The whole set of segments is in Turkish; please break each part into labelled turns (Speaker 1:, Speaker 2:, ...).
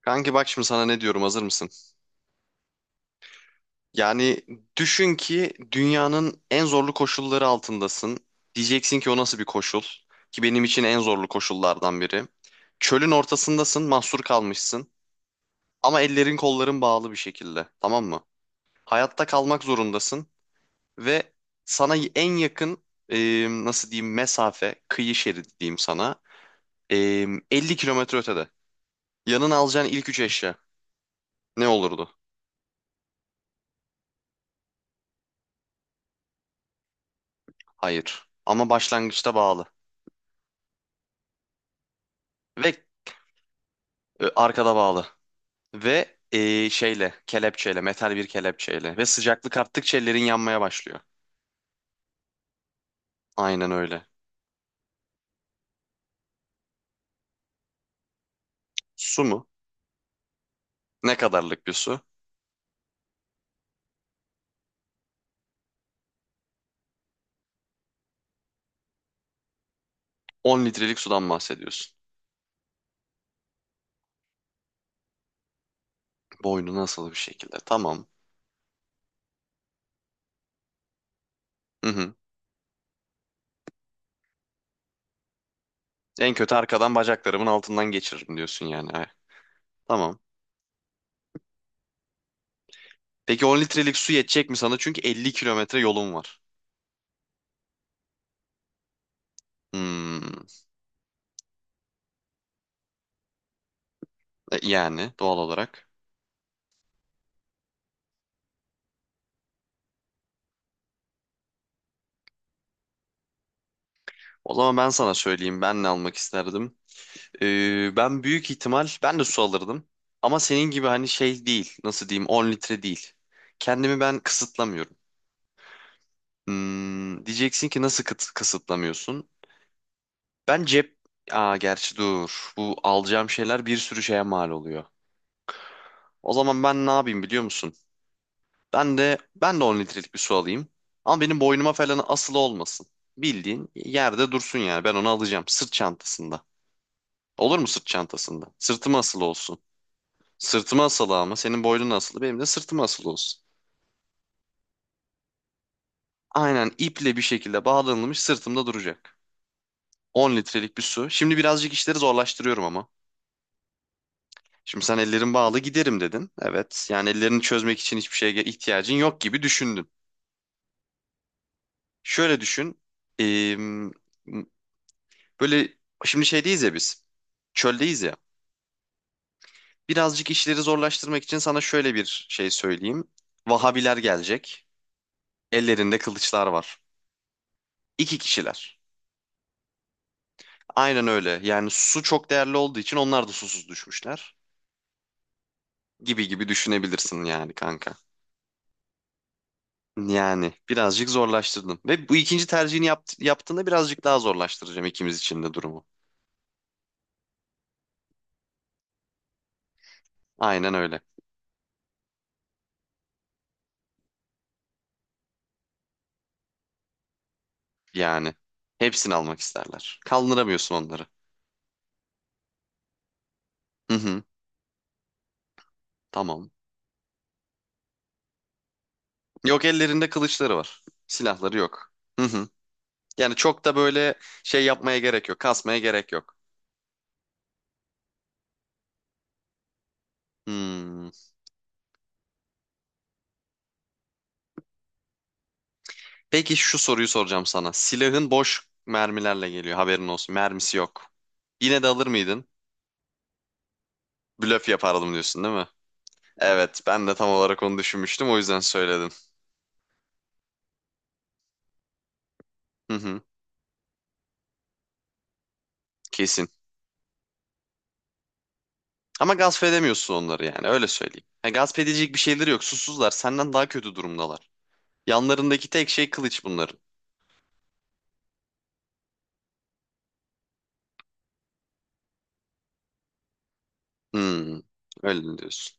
Speaker 1: Kanki bak şimdi sana ne diyorum, hazır mısın? Yani düşün ki dünyanın en zorlu koşulları altındasın. Diyeceksin ki, o nasıl bir koşul? Ki benim için en zorlu koşullardan biri. Çölün ortasındasın, mahsur kalmışsın. Ama ellerin kolların bağlı bir şekilde, tamam mı? Hayatta kalmak zorundasın ve sana en yakın nasıl diyeyim mesafe, kıyı şeridi diyeyim sana. e, 50 kilometre ötede. Yanına alacağın ilk üç eşya ne olurdu? Hayır. Ama başlangıçta bağlı. Ve arkada bağlı. Ve şeyle, kelepçeyle, metal bir kelepçeyle. Ve sıcaklık arttıkça ellerin yanmaya başlıyor. Aynen öyle. Su mu? Ne kadarlık bir su? On litrelik sudan bahsediyorsun. Boynu nasıl bir şekilde? Tamam. Hı hı. En kötü arkadan bacaklarımın altından geçiririm diyorsun yani. Ay, tamam. Peki 10 litrelik su yetecek mi sana? Çünkü 50 kilometre yolun var. Hmm. Yani doğal olarak. O zaman ben sana söyleyeyim, ben ne almak isterdim? Ben büyük ihtimal ben de su alırdım. Ama senin gibi hani şey değil. Nasıl diyeyim, 10 litre değil. Kendimi ben kısıtlamıyorum. Diyeceksin ki, nasıl kısıtlamıyorsun? Ben cep... Aa, gerçi dur. Bu alacağım şeyler bir sürü şeye mal oluyor. O zaman ben ne yapayım biliyor musun? Ben de 10 litrelik bir su alayım. Ama benim boynuma falan asılı olmasın. Bildiğin yerde dursun yani. Ben onu alacağım sırt çantasında. Olur mu sırt çantasında? Sırtıma asılı olsun. Sırtıma asılı, ama senin boynun asılı, benim de sırtıma asılı olsun. Aynen iple bir şekilde bağlanılmış sırtımda duracak. 10 litrelik bir su. Şimdi birazcık işleri zorlaştırıyorum ama. Şimdi sen ellerin bağlı giderim dedin. Evet, yani ellerini çözmek için hiçbir şeye ihtiyacın yok gibi düşündün. Şöyle düşün. eee, böyle şimdi şeydeyiz ya biz. Çöldeyiz ya. Birazcık işleri zorlaştırmak için sana şöyle bir şey söyleyeyim. Vahabiler gelecek. Ellerinde kılıçlar var. İki kişiler. Aynen öyle. Yani su çok değerli olduğu için onlar da susuz düşmüşler. Gibi gibi düşünebilirsin yani kanka. Yani birazcık zorlaştırdım. Ve bu ikinci tercihini yaptığında birazcık daha zorlaştıracağım ikimiz için de durumu. Aynen öyle. Yani hepsini almak isterler. Kaldıramıyorsun onları. Hı hı. Tamam. Yok, ellerinde kılıçları var. Silahları yok. Hı hı. Yani çok da böyle şey yapmaya gerek yok. Kasmaya gerek yok. Hmm. Peki, şu soruyu soracağım sana. Silahın boş mermilerle geliyor, haberin olsun. Mermisi yok. Yine de alır mıydın? Blöf yapardım diyorsun, değil mi? Evet, ben de tam olarak onu düşünmüştüm, o yüzden söyledim. Hı hı, kesin. Ama gasp edemiyorsun onları, yani öyle söyleyeyim. Ha, gasp edecek bir şeyleri yok, susuzlar, senden daha kötü durumdalar. Yanlarındaki tek şey kılıç bunların. Hmm, öyle mi diyorsun.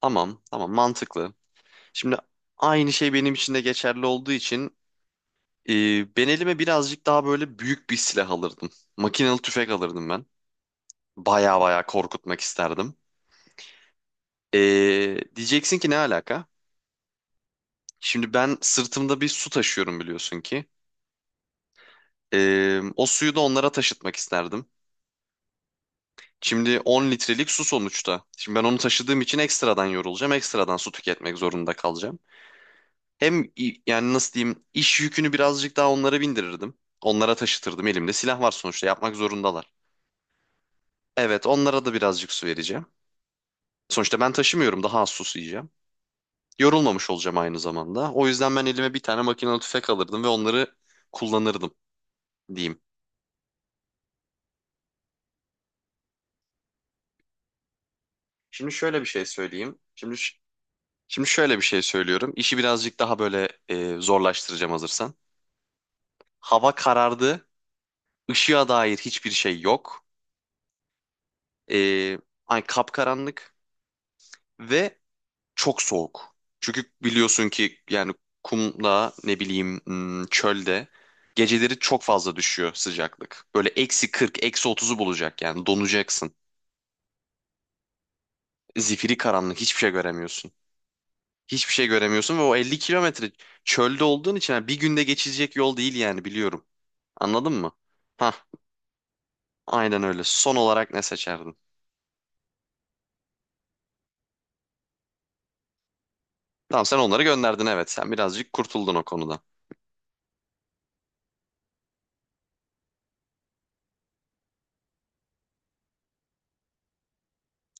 Speaker 1: Tamam, tamam, mantıklı. Şimdi aynı şey benim için de geçerli olduğu için, ben elime birazcık daha böyle büyük bir silah alırdım. Makinalı tüfek alırdım ben. Baya baya korkutmak isterdim. Diyeceksin ki, ne alaka? Şimdi ben sırtımda bir su taşıyorum, biliyorsun ki. O suyu da onlara taşıtmak isterdim. Şimdi 10 litrelik su sonuçta. Şimdi ben onu taşıdığım için ekstradan yorulacağım. Ekstradan su tüketmek zorunda kalacağım. Hem yani nasıl diyeyim, iş yükünü birazcık daha onlara bindirirdim. Onlara taşıtırdım. Elimde silah var sonuçta, yapmak zorundalar. Evet, onlara da birazcık su vereceğim. Sonuçta ben taşımıyorum. Daha az sus yiyeceğim. Yorulmamış olacağım aynı zamanda. O yüzden ben elime bir tane makinalı tüfek alırdım ve onları kullanırdım diyeyim. Şimdi şöyle bir şey söyleyeyim. Şimdi şöyle bir şey söylüyorum. İşi birazcık daha böyle zorlaştıracağım hazırsan. Hava karardı. Işığa dair hiçbir şey yok. E, ay kapkaranlık ve çok soğuk. Çünkü biliyorsun ki yani, kumla ne bileyim çölde geceleri çok fazla düşüyor sıcaklık. Böyle eksi 40, eksi 30'u bulacak, yani donacaksın. Zifiri karanlık, hiçbir şey göremiyorsun. Hiçbir şey göremiyorsun ve o 50 kilometre çölde olduğun için, yani bir günde geçilecek yol değil yani, biliyorum. Anladın mı? Hah, aynen öyle. Son olarak ne seçerdin? Tamam, sen onları gönderdin, evet, sen birazcık kurtuldun o konuda.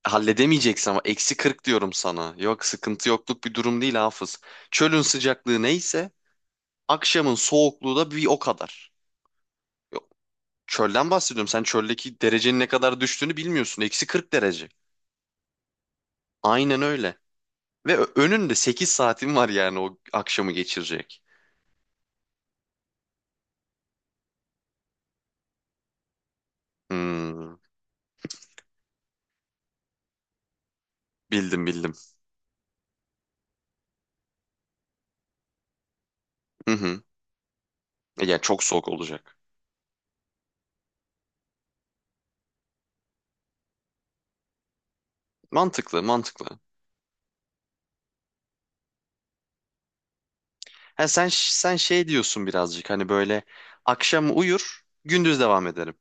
Speaker 1: Halledemeyeceksin, ama eksi 40 diyorum sana. Yok, sıkıntı yokluk bir durum değil Hafız. Çölün sıcaklığı neyse, akşamın soğukluğu da bir o kadar. Yok, çölden bahsediyorum. Sen çöldeki derecenin ne kadar düştüğünü bilmiyorsun. Eksi 40 derece. Aynen öyle. Ve önünde 8 saatin var, yani o akşamı geçirecek. Hmm, bildim bildim. Hı hı. Yani çok soğuk olacak. Mantıklı mantıklı. Ha, sen şey diyorsun birazcık, hani böyle akşam uyur gündüz devam ederim.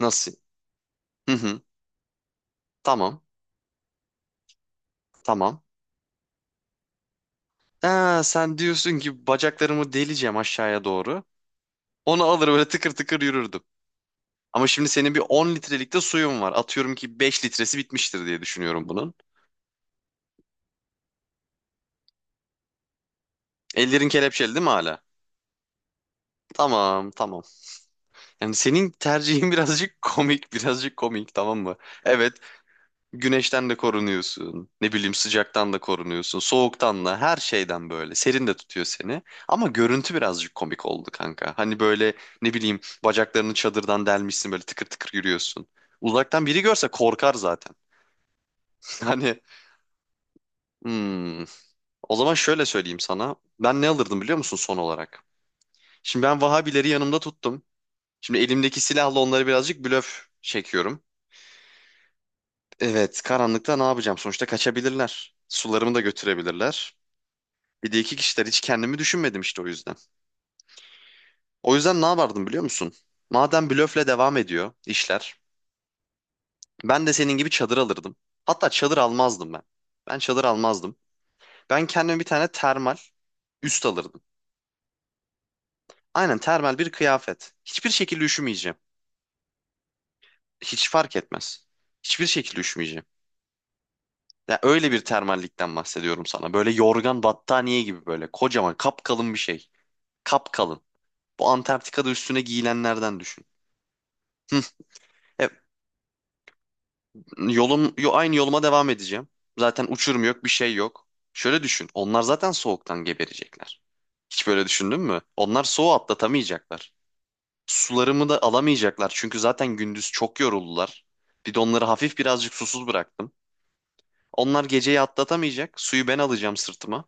Speaker 1: Nasıl? Hı hı. Tamam. Tamam. Sen diyorsun ki bacaklarımı deleceğim aşağıya doğru. Onu alır böyle tıkır tıkır yürürdüm. Ama şimdi senin bir 10 litrelik de suyun var. Atıyorum ki 5 litresi bitmiştir diye düşünüyorum bunun. Ellerin kelepçeli değil mi hala? Tamam, tamam. Yani senin tercihin birazcık komik, birazcık komik, tamam mı? Evet, güneşten de korunuyorsun. Ne bileyim, sıcaktan da korunuyorsun. Soğuktan da, her şeyden böyle. Serin de tutuyor seni. Ama görüntü birazcık komik oldu kanka. Hani böyle, ne bileyim, bacaklarını çadırdan delmişsin, böyle tıkır tıkır yürüyorsun. Uzaktan biri görse korkar zaten. Hani, hmm. O zaman şöyle söyleyeyim sana. Ben ne alırdım biliyor musun son olarak? Şimdi ben Vahabileri yanımda tuttum. Şimdi elimdeki silahla onları birazcık blöf çekiyorum. Evet, karanlıkta ne yapacağım? Sonuçta kaçabilirler. Sularımı da götürebilirler. Bir de iki kişiler, hiç kendimi düşünmedim işte, o yüzden. O yüzden ne yapardım biliyor musun? Madem blöfle devam ediyor işler, ben de senin gibi çadır alırdım. Hatta çadır almazdım ben. Ben çadır almazdım. Ben kendime bir tane termal üst alırdım. Aynen, termal bir kıyafet. Hiçbir şekilde üşümeyeceğim. Hiç fark etmez. Hiçbir şekilde üşümeyeceğim. Ya öyle bir termallikten bahsediyorum sana. Böyle yorgan battaniye gibi, böyle kocaman kapkalın bir şey. Kapkalın. Bu Antarktika'da üstüne giyilenlerden düşün. Hı. E, aynı yoluma devam edeceğim. Zaten uçurum yok, bir şey yok. Şöyle düşün. Onlar zaten soğuktan geberecekler. Hiç böyle düşündün mü? Onlar soğuğu atlatamayacaklar. Sularımı da alamayacaklar, çünkü zaten gündüz çok yoruldular. Bir de onları hafif birazcık susuz bıraktım. Onlar geceyi atlatamayacak. Suyu ben alacağım sırtıma.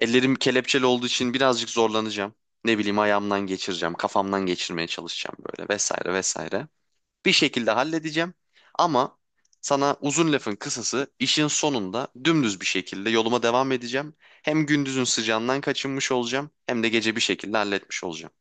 Speaker 1: Ellerim kelepçeli olduğu için birazcık zorlanacağım. Ne bileyim, ayağımdan geçireceğim, kafamdan geçirmeye çalışacağım, böyle vesaire vesaire. Bir şekilde halledeceğim. Ama sana uzun lafın kısası, işin sonunda dümdüz bir şekilde yoluma devam edeceğim. Hem gündüzün sıcağından kaçınmış olacağım, hem de gece bir şekilde halletmiş olacağım.